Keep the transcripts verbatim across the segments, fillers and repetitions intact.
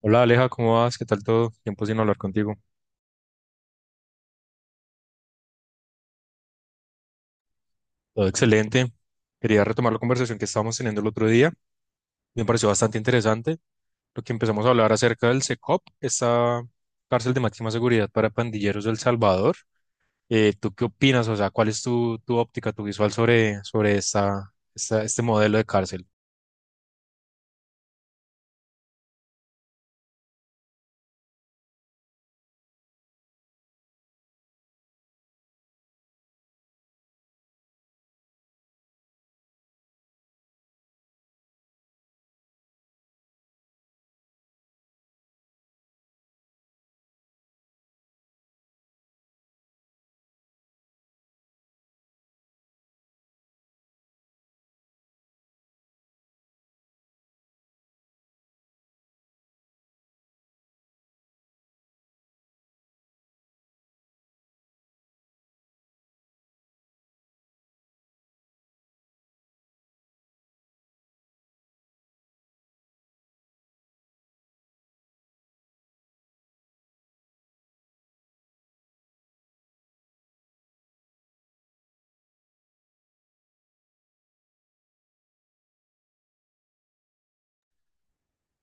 Hola Aleja, ¿cómo vas? ¿Qué tal todo? Tiempo sin hablar contigo. Todo excelente. Quería retomar la conversación que estábamos teniendo el otro día. Me pareció bastante interesante lo que empezamos a hablar acerca del Secop, esta cárcel de máxima seguridad para pandilleros del Salvador. Eh, ¿tú qué opinas? O sea, ¿cuál es tu, tu óptica, tu visual sobre, sobre esta, esta- este modelo de cárcel?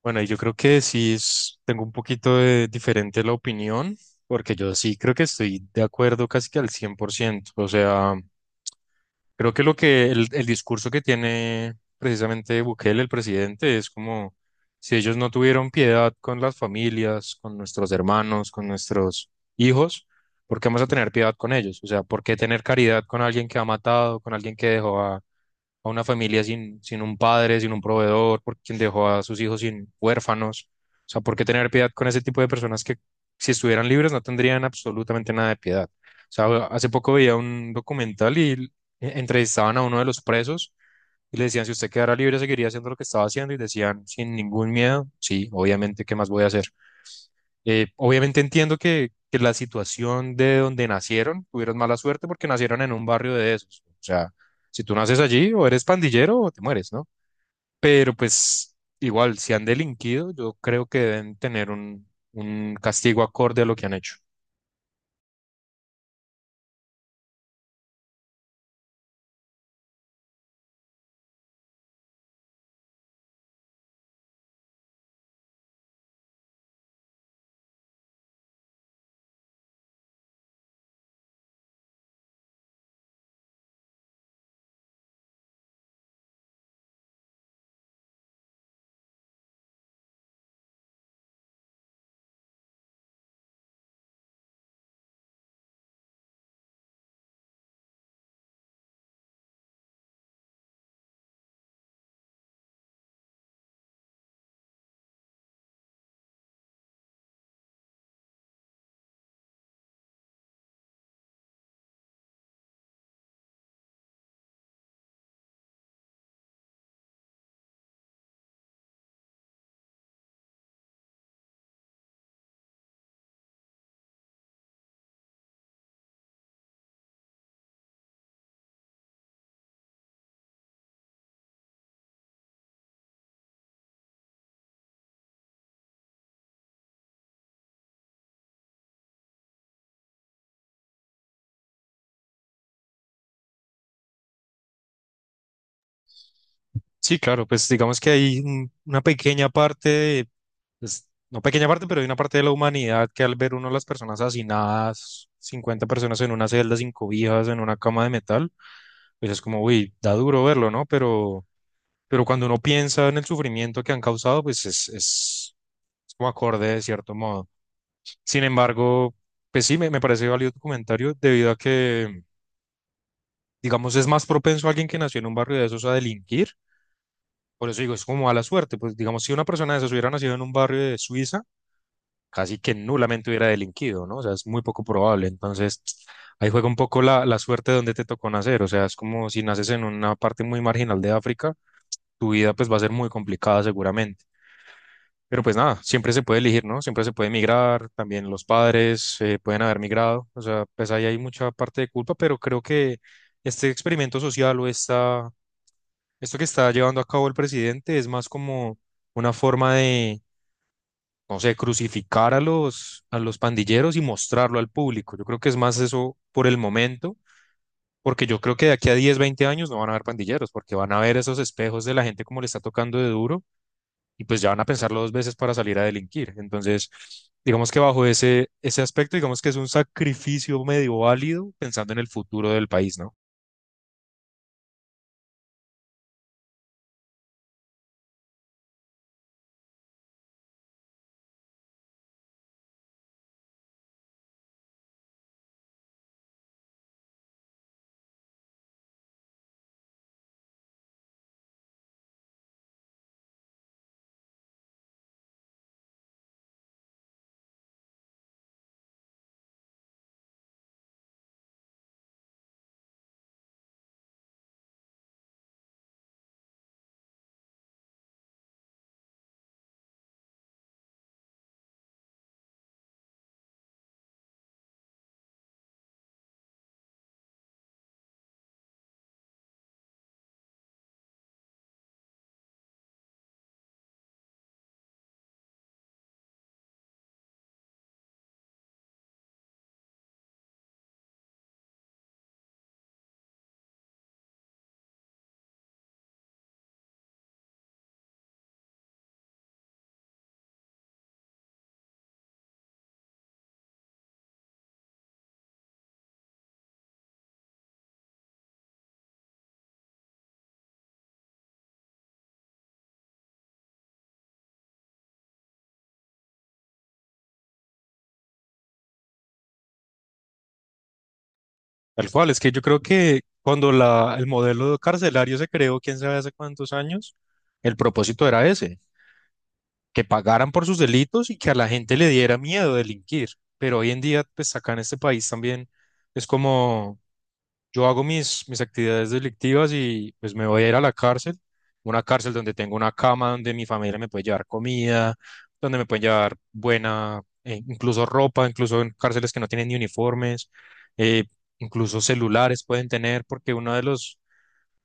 Bueno, y yo creo que sí es- tengo un poquito de diferente la opinión, porque yo sí creo que estoy de acuerdo casi que al cien por ciento. O sea... Creo que lo que el, el discurso que tiene precisamente Bukele, el presidente, es como si ellos no tuvieron piedad con las familias, con nuestros hermanos, con nuestros hijos, ¿por qué vamos a tener piedad con ellos? O sea, ¿por qué tener caridad con alguien que ha matado, con alguien que dejó a a una familia sin, sin un padre, sin un proveedor, por quien dejó a sus hijos sin huérfanos. O sea, ¿por qué tener piedad con ese tipo de personas que si estuvieran libres no tendrían absolutamente nada de piedad? O sea, hace poco veía un documental y l- entrevistaban a uno de los presos y le decían, si usted quedara libre, seguiría haciendo lo que estaba haciendo y decían, sin ningún miedo, sí, obviamente, ¿qué más voy a hacer? Eh, obviamente entiendo que, que la situación de donde nacieron tuvieron mala suerte porque nacieron en un barrio de esos. O sea, si tú naces allí o eres pandillero o te mueres, ¿no? Pero pues igual, si han delinquido, yo creo que deben tener un, un castigo acorde a lo que han hecho. Sí, claro, pues digamos que hay un- una pequeña parte, de- pues, no pequeña parte, pero hay una parte de la humanidad que al ver uno a las personas hacinadas, cincuenta personas en una celda sin cobijas, en una cama de metal, pues es como, uy, da duro verlo, ¿no? Pero, pero cuando uno piensa en el sufrimiento que han causado, pues es, es, es como acorde de cierto modo. Sin embargo, pues sí, me, me parece válido tu comentario debido a que, digamos, es más propenso alguien que nació en un barrio de esos a delinquir. Por eso digo, es como mala suerte. Pues digamos, si una persona de esas hubiera nacido en un barrio de Suiza, casi que nulamente hubiera delinquido, ¿no? O sea, es muy poco probable. Entonces, ahí juega un poco la, la suerte de donde te tocó nacer. O sea, es como si naces en una parte muy marginal de África, tu vida pues va a ser muy complicada seguramente. Pero pues nada, siempre se puede elegir, ¿no? Siempre se puede migrar, también los padres eh, pueden haber migrado, o sea, pues ahí hay mucha parte de culpa, pero creo que este experimento social o esta, esto que está llevando a cabo el presidente es más como una forma de, no sé, crucificar a los, a los pandilleros y mostrarlo al público. Yo creo que es más eso por el momento, porque yo creo que de aquí a diez veinte años no van a haber pandilleros, porque van a ver esos espejos de la gente como le está tocando de duro y pues ya van a pensarlo dos veces para salir a delinquir. Entonces, digamos que bajo ese, ese aspecto, digamos que es un sacrificio medio válido pensando en el futuro del país, ¿no? Tal cual, es que yo creo que cuando la, el modelo carcelario se creó, quién sabe hace cuántos años, el propósito era ese, que pagaran por sus delitos y que a la gente le diera miedo delinquir. Pero hoy en día, pues acá en este país también es como yo hago mis, mis actividades delictivas y pues me voy a ir a la cárcel, una cárcel donde tengo una cama, donde mi familia me puede llevar comida, donde me pueden llevar buena, eh, incluso ropa, incluso en cárceles que no tienen ni uniformes, eh, incluso celulares pueden tener, porque uno de los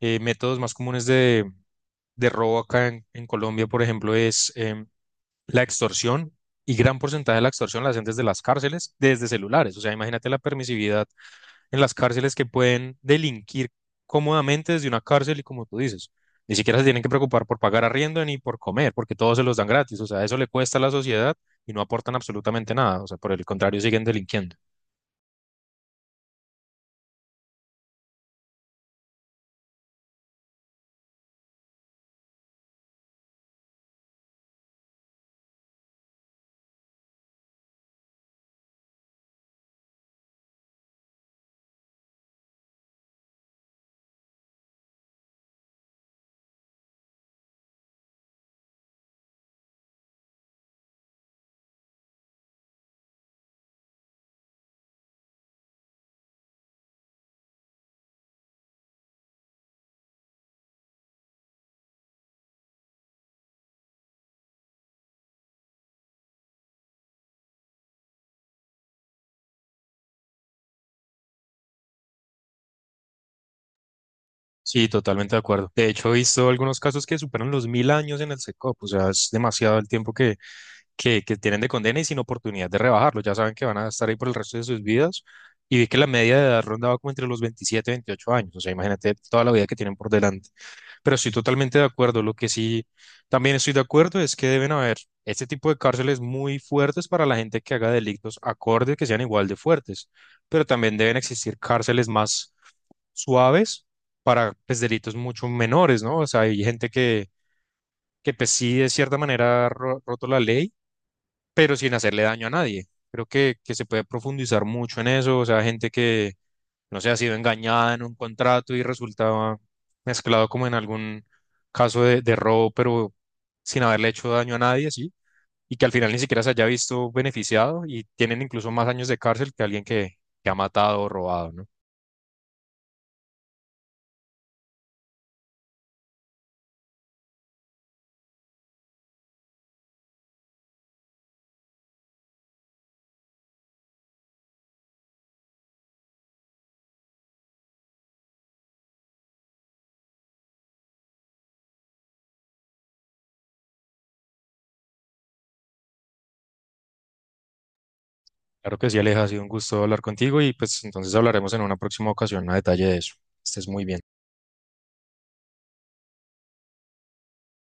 eh, métodos más comunes de, de robo acá en, en Colombia, por ejemplo, es em, la extorsión. Y gran porcentaje de la extorsión la hacen desde las cárceles, desde celulares. O sea, imagínate la permisividad en las cárceles que pueden delinquir cómodamente desde una cárcel y como tú dices, ni siquiera se tienen que preocupar por pagar arriendo ni por comer, porque todos se los dan gratis. O sea, eso le cuesta a la sociedad y no aportan absolutamente nada. O sea, por el contrario, siguen delinquiendo. Sí, totalmente de acuerdo. De hecho, he visto algunos casos que superan los mil años en el SECOP. O sea, es demasiado el tiempo que, que, que tienen de condena y sin oportunidad de rebajarlo. Ya saben que van a estar ahí por el resto de sus vidas. Y vi que la media de edad rondaba como entre los veintisiete y veintiocho años. O sea, imagínate toda la vida que tienen por delante. Pero estoy totalmente de acuerdo. Lo que sí también estoy de acuerdo es que deben haber este tipo de cárceles muy fuertes para la gente que haga delitos acordes que sean igual de fuertes. Pero también deben existir cárceles más suaves para pues, delitos mucho menores, ¿no? O sea, hay gente que, que pues, sí de cierta manera ha ro- roto la ley, pero sin hacerle daño a nadie. Creo que, que se puede profundizar mucho en eso. O sea, gente que no sé, ha sido engañada en un contrato y resultaba mezclado como en algún caso de, de robo, pero sin haberle hecho daño a nadie, ¿sí? Y que al final ni siquiera se haya visto beneficiado y tienen incluso más años de cárcel que alguien que, que ha matado o robado, ¿no? Claro que sí, Aleja, ha sido un gusto hablar contigo y pues entonces hablaremos en una próxima ocasión a detalle de eso. Estés muy bien.